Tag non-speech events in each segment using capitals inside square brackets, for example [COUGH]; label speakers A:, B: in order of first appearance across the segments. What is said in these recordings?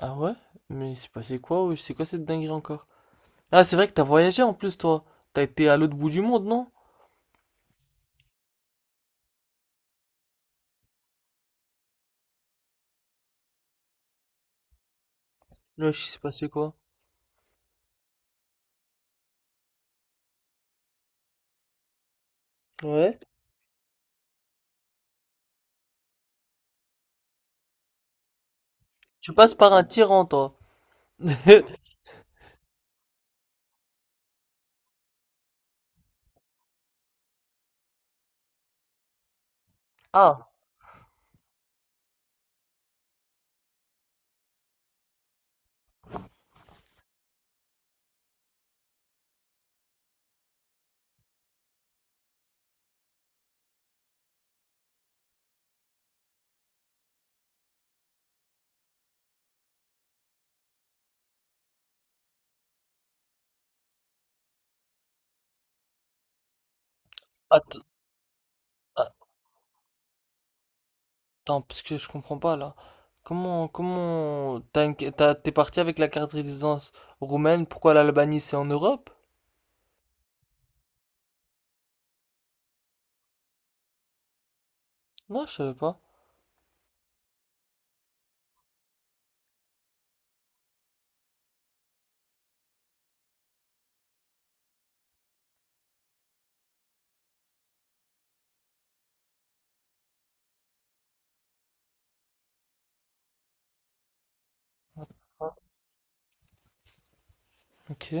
A: Ah ouais? Mais c'est passé quoi? Wesh, c'est quoi cette dinguerie encore? Ah, c'est vrai que t'as voyagé en plus, toi. T'as été à l'autre bout du monde, non? Là, je sais passé quoi? Ouais. Tu passes par un tyran, toi. [LAUGHS] Ah, att- attends, parce que je comprends pas là. Comment, t'es parti avec la carte de résidence roumaine, pourquoi l'Albanie c'est en Europe? Non, je savais pas. Ok.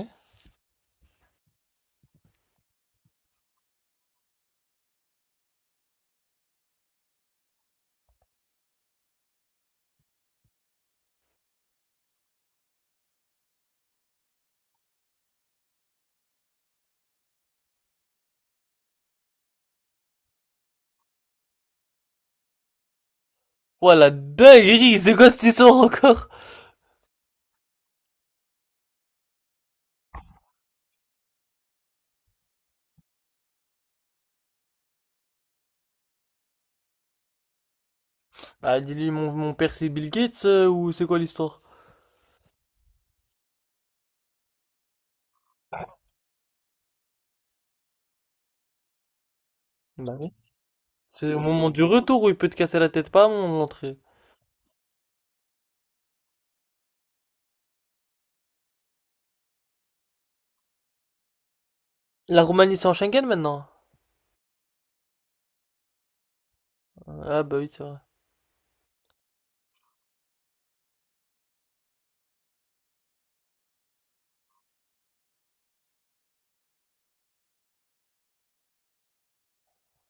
A: Ouah, la dinguerie, c'est quoi cette histoire encore? Bah, dis-lui, mon père c'est Bill Gates ou c'est quoi l'histoire? Bah oui. C'est au moment du retour où il peut te casser la tête, pas à mon entrée. La Roumanie, c'est en Schengen maintenant? Ah bah oui, c'est vrai.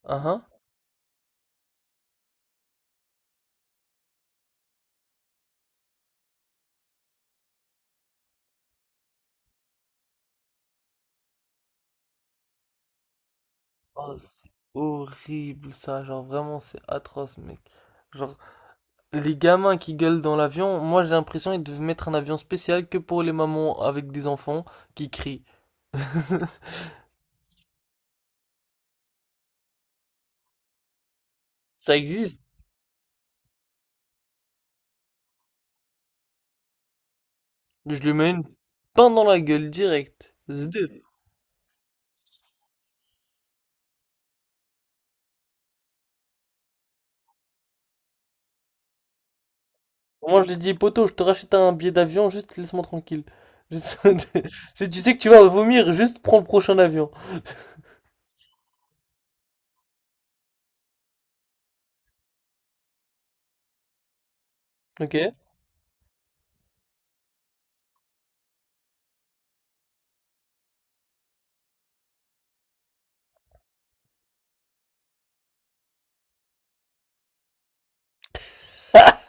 A: Ah hein. Oh, c'est horrible ça, genre vraiment c'est atroce mec. Genre les gamins qui gueulent dans l'avion, moi j'ai l'impression qu'ils devaient mettre un avion spécial que pour les mamans avec des enfants qui crient. [LAUGHS] Ça existe. Je lui mets une pain dans la gueule direct. Zdev. Moi, je lui ai dit, poto, je te rachète un billet d'avion, juste laisse-moi tranquille. Juste- [LAUGHS] Si tu sais que tu vas vomir, juste prends le prochain avion. Ok?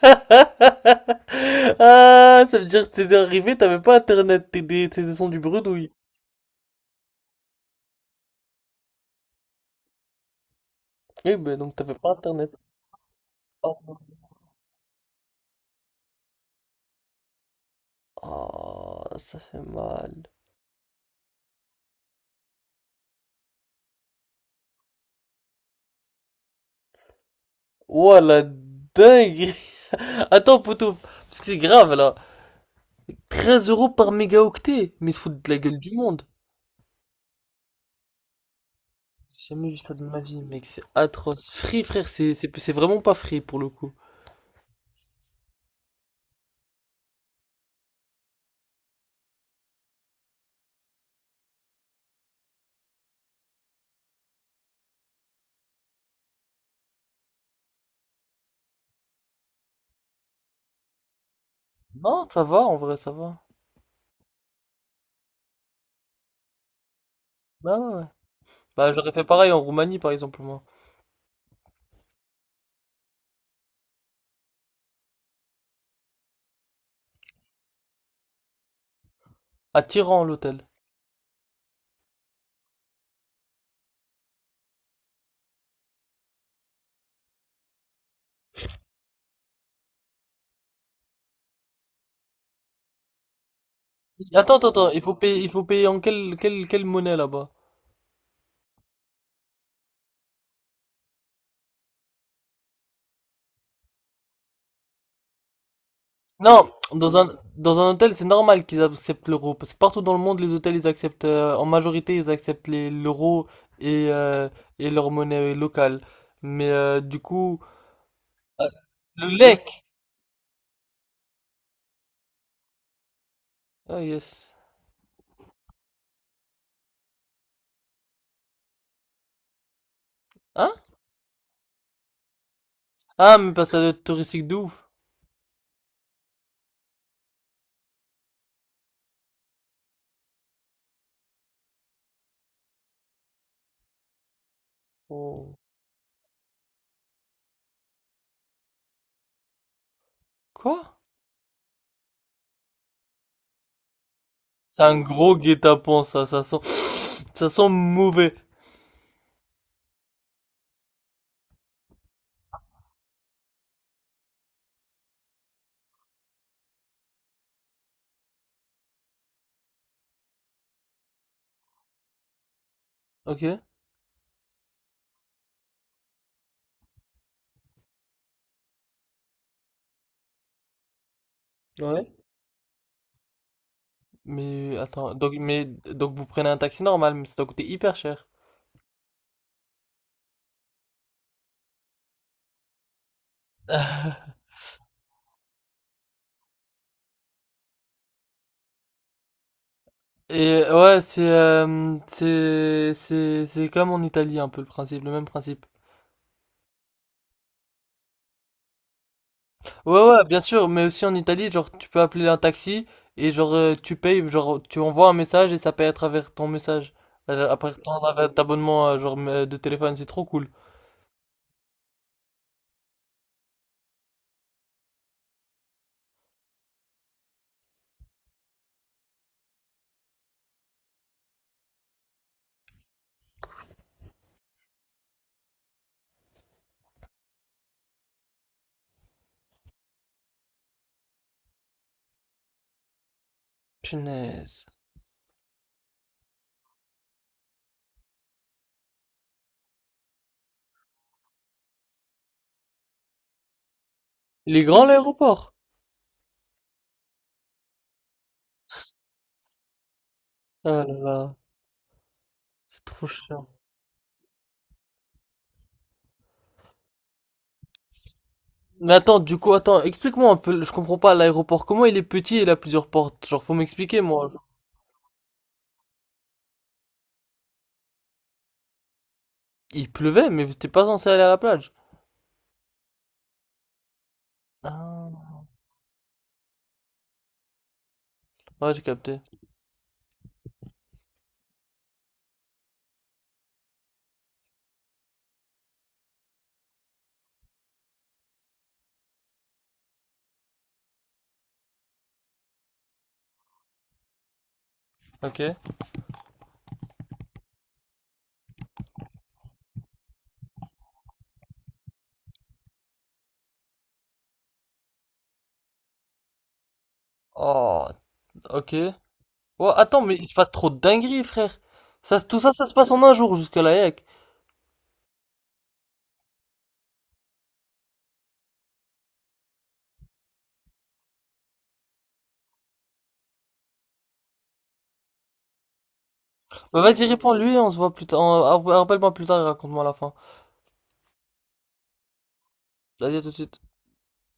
A: [LAUGHS] Ah, ça veut dire que t'es arrivé, t'avais pas internet, t'es des sons du bredouille. Oui, ben donc t'avais pas internet. Oh, Oh, ça fait mal. Ouah, la dingue! [LAUGHS] Attends, poto, parce que c'est grave là. 13 euros par mégaoctet, mais ils se foutent de la gueule du monde. J'ai jamais vu ça de ma vie, mec, c'est atroce. Free, frère, c'est vraiment pas free pour le coup. Non, ça va, en vrai, ça va. Bah ouais, ouais. Bah j'aurais fait pareil en Roumanie, par exemple, moi. À Tiran, l'hôtel. Attends, il faut payer en quelle monnaie là-bas? Non, dans un hôtel, c'est normal qu'ils acceptent l'euro, parce que partout dans le monde, les hôtels, ils acceptent, en majorité, ils acceptent l'euro et, euh, et leur monnaie locale. Mais du coup, euh, le lek. Ah, yes. Hein? Ah, mais passage touristique de ouf. Oh. Quoi? C'est un gros guet-apens, ça. Ça sent mauvais. Ok. Ouais. Mais attends, donc, mais, donc vous prenez un taxi normal, mais ça doit coûter hyper cher. Et ouais, c'est c'est comme en Italie un peu le principe, le même principe. Ouais ouais, bien sûr, mais aussi en Italie, genre tu peux appeler un taxi et genre tu payes, genre tu envoies un message et ça paye à travers ton message, à travers ton abonnement genre de téléphone, c'est trop cool. Punaise. Il est grand l'aéroport? Ah là là, c'est trop chiant. Mais attends, du coup, attends, explique-moi un peu, je comprends pas l'aéroport. Comment il est petit et il a plusieurs portes? Genre, faut m'expliquer, moi. Il pleuvait, mais vous t'es pas censé aller à la plage. Ah, ouais, j'ai capté. Ok. Oh, ok. Ouais, attends, mais il se passe trop de dingueries, frère. Tout ça, ça se passe en un jour jusque-là, yec. Bah, vas-y, réponds-lui, on se voit plus tard. On- Rappelle-moi plus tard et raconte-moi la fin. Vas-y, à tout de suite.